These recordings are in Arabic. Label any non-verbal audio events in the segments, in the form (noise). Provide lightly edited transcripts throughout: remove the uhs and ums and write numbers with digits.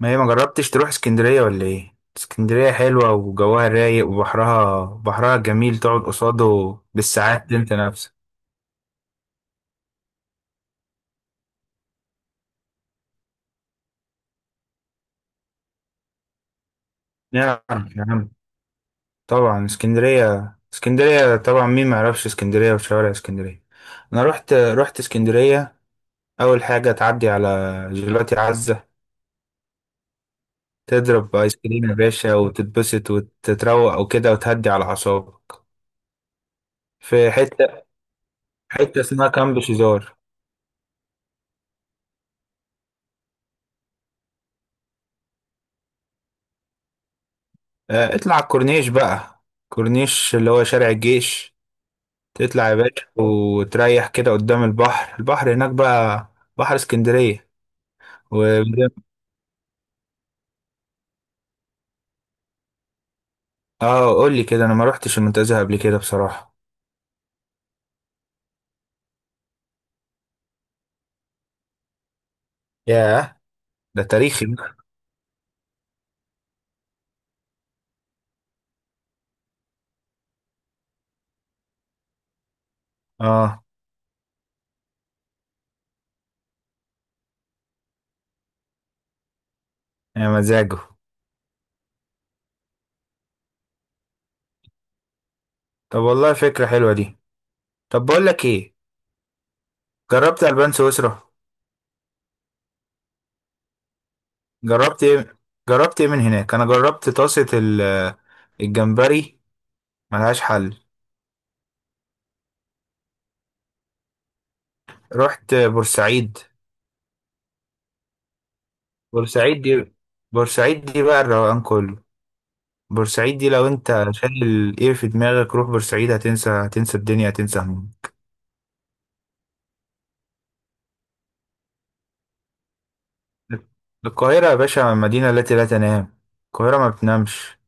ما هي ما جربتش تروح اسكندرية ولا ايه؟ اسكندرية حلوة وجوها رايق وبحرها جميل، تقعد قصاده بالساعات انت نفسك. نعم، يا عم. طبعا، اسكندرية طبعا، مين ما يعرفش اسكندرية وشوارع اسكندرية. انا رحت اسكندرية. اول حاجة تعدي على جيلاتي عزة، تضرب ايس كريم يا باشا وتتبسط وتتروق وكده وتهدي على اعصابك. في حتة اسمها كامب شيزار. اطلع على الكورنيش بقى، كورنيش اللي هو شارع الجيش. تطلع يا باشا وتريح كده قدام البحر هناك بقى، بحر اسكندرية و... اه، قول لي كده، انا ما روحتش المنتزه قبل كده بصراحة. ياه، ده تاريخي بقى. اه، يا مزاجه. طب والله فكرة حلوة دي. طب بقول لك ايه، جربت البان سويسرا؟ جربت ايه جربت ايه من هناك؟ انا جربت طاسة الجمبري، ملهاش حل. رحت بورسعيد. بورسعيد دي، بورسعيد دي بقى الروقان كله. بورسعيد دي لو انت شايل ايه في دماغك، روح بورسعيد هتنسى الدنيا، هتنسى هموم. القاهرة يا باشا مدينة التي لا تنام، القاهرة ما بتنامش.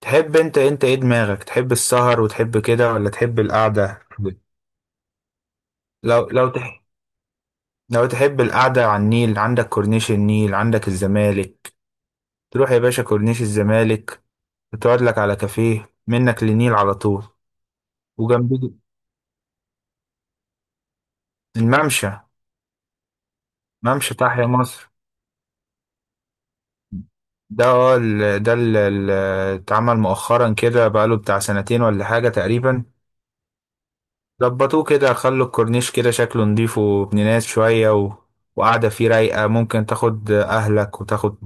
تحب انت ايه، دماغك تحب السهر وتحب كده، ولا تحب القعدة؟ لو لو تح... لو تحب القعدة على النيل، عندك كورنيش النيل، عندك الزمالك. تروح يا باشا كورنيش الزمالك وتقعد لك على كافيه منك للنيل على طول. وجنبيه الممشى، ممشى تحيا مصر. ده اللي اتعمل مؤخرا كده، بقاله بتاع سنتين ولا حاجة تقريبا. ظبطوه كده، خلوا الكورنيش كده شكله نضيف وابن ناس شوية، وقاعدة فيه رايقة، ممكن تاخد أهلك وتاخد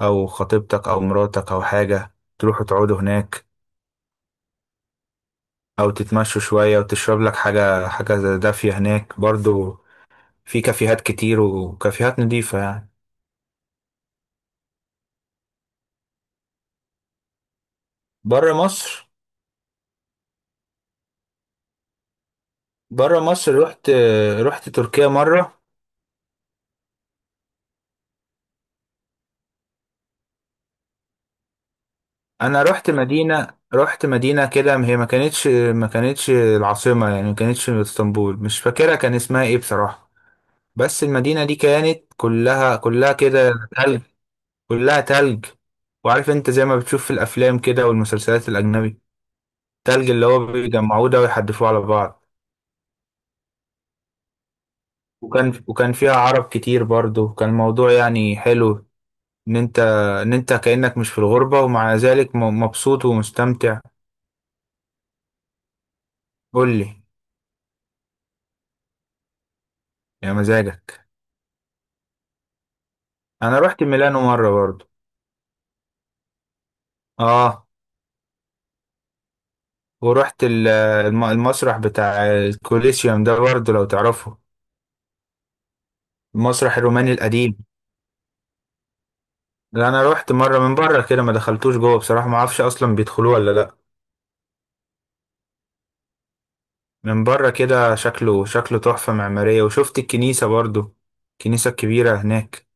أو خطيبتك أو مراتك أو حاجة، تروحوا تقعدوا هناك أو تتمشوا شوية وتشرب لك حاجة دافية هناك برضو، في كافيهات كتير وكافيهات نضيفة يعني. بره مصر، بره مصر رحت، رحت تركيا مرة. انا رحت مدينه، رحت مدينه كده، هي ما كانتش العاصمه، يعني ما كانتش اسطنبول، مش فاكرها كان اسمها ايه بصراحه. بس المدينه دي كانت كلها كلها كده تلج، كلها تلج. وعارف انت زي ما بتشوف في الافلام كده والمسلسلات الاجنبي، التلج اللي هو بيجمعوه ده ويحدفوه على بعض. وكان فيها عرب كتير برضو، كان الموضوع يعني حلو. ان انت ان انت كانك مش في الغربه، ومع ذلك مبسوط ومستمتع. قول لي. يا مزاجك. انا رحت ميلانو مره برضو. اه. ورحت المسرح بتاع الكوليسيوم ده برضو لو تعرفه، المسرح الروماني القديم. لا، انا رحت مره من بره كده، ما دخلتوش جوه بصراحه، ما اعرفش اصلا بيدخلوه ولا لا. من بره كده، شكله تحفه معماريه، وشفت الكنيسه برضو، الكنيسه الكبيره هناك.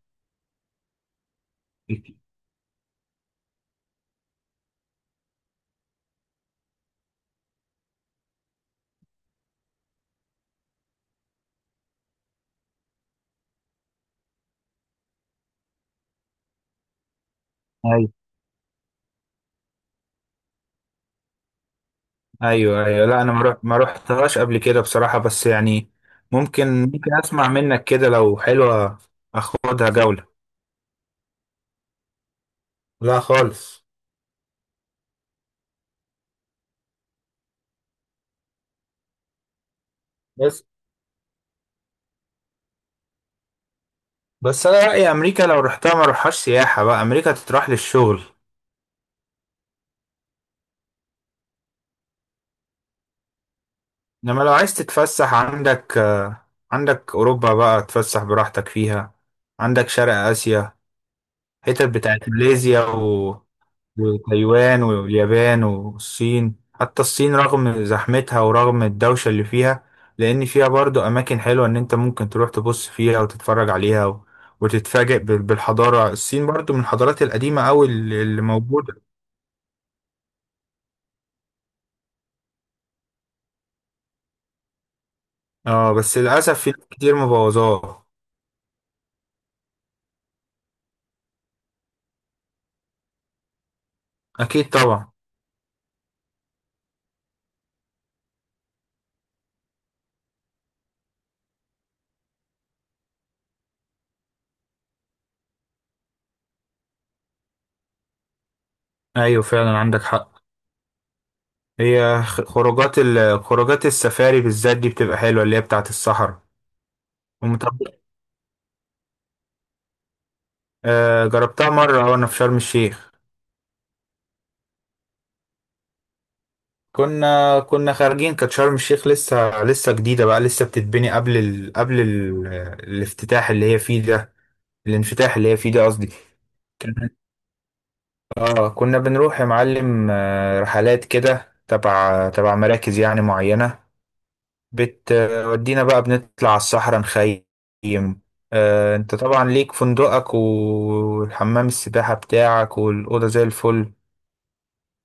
ايوه، ايوه، ايوه. لا انا ما رحتهاش قبل كده بصراحه، بس يعني ممكن اسمع منك كده لو حلوه، اخدها جوله. لا خالص. بس بس انا رايي امريكا لو رحتها ما روحهاش سياحه، بقى امريكا تتراح للشغل. انما لو عايز تتفسح، عندك عندك اوروبا بقى تتفسح براحتك فيها، عندك شرق اسيا، حتت بتاعت ماليزيا وتايوان واليابان والصين. حتى الصين رغم زحمتها ورغم الدوشه اللي فيها، لان فيها برضو اماكن حلوه، ان انت ممكن تروح تبص فيها وتتفرج عليها، وتتفاجئ بالحضاره. الصين برضو من الحضارات القديمه قوي اللي موجوده. اه، بس للأسف في ناس كتير مبوظاه. أكيد طبعا. أيوة فعلا، عندك حق. هي خروجات السفاري بالذات دي بتبقى حلوة، اللي هي بتاعة الصحراء ومطب- آه، جربتها مرة وأنا في شرم الشيخ. كنا خارجين، كانت شرم الشيخ لسه جديدة، بقى لسه بتتبني الافتتاح اللي هي فيه ده، الانفتاح اللي هي فيه ده قصدي. كان- اه، كنا بنروح يا معلم، رحلات كده تبع مراكز يعني معينة، بتودينا بقى بنطلع على الصحراء نخيم. انت طبعا ليك فندقك والحمام السباحة بتاعك والأوضة زي الفل،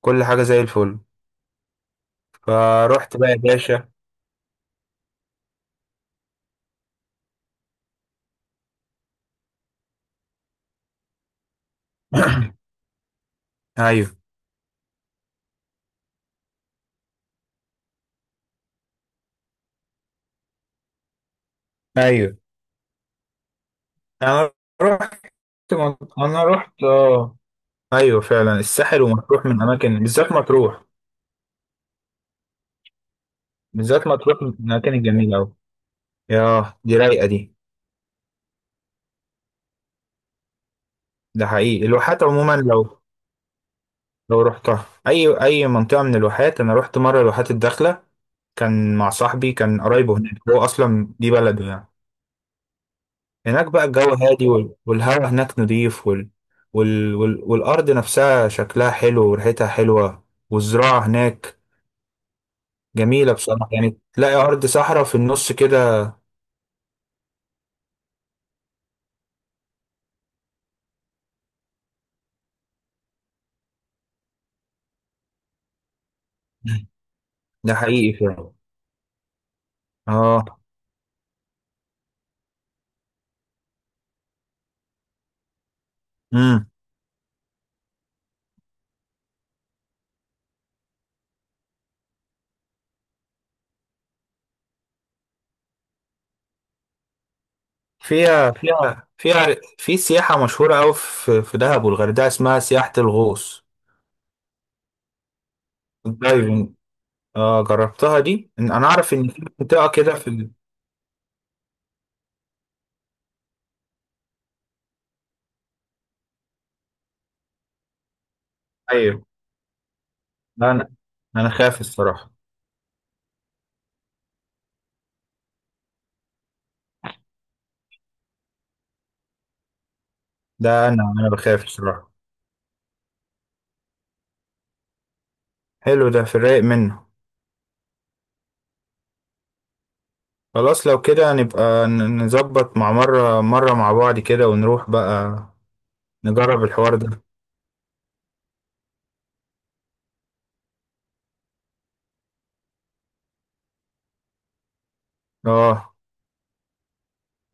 كل حاجة زي الفل. فروحت بقى يا باشا (coughs) ايوه، ايوه، انا رحت، انا رحت، اه، ايوه فعلا، الساحل ومطروح من اماكن، بالذات مطروح، بالذات مطروح من الاماكن الجميله قوي. ياه، دي رايقه دي. ده حقيقي، الواحات عموما، لو لو رحتها اي منطقه من الواحات، انا رحت مره الواحات الداخله، كان مع صاحبي، كان قرايبه هناك، هو اصلا دي بلده يعني. هناك بقى الجو هادي، والهواء هناك نضيف، والارض نفسها شكلها حلو وريحتها حلوه، والزراعه هناك جميله بصراحه، يعني تلاقي ارض صحراء في النص كده. ده حقيقي فعلا. اه امم فيها، فيها في سياحه مشهوره قوي في دهب والغردقه، اسمها سياحه الغوص، الدايفنج. اه جربتها دي، انا اعرف ان في منطقه كده ايوه. لا، انا، انا خايف الصراحه، ده انا بخاف الصراحه. حلو ده، في الرايق منه. خلاص لو كده نبقى نظبط مع مره مع بعض كده ونروح بقى نجرب الحوار ده. اه.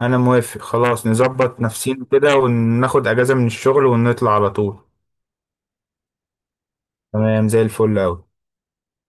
انا موافق، خلاص نظبط نفسينا كده وناخد اجازه من الشغل ونطلع على طول. تمام زي الفل اوي.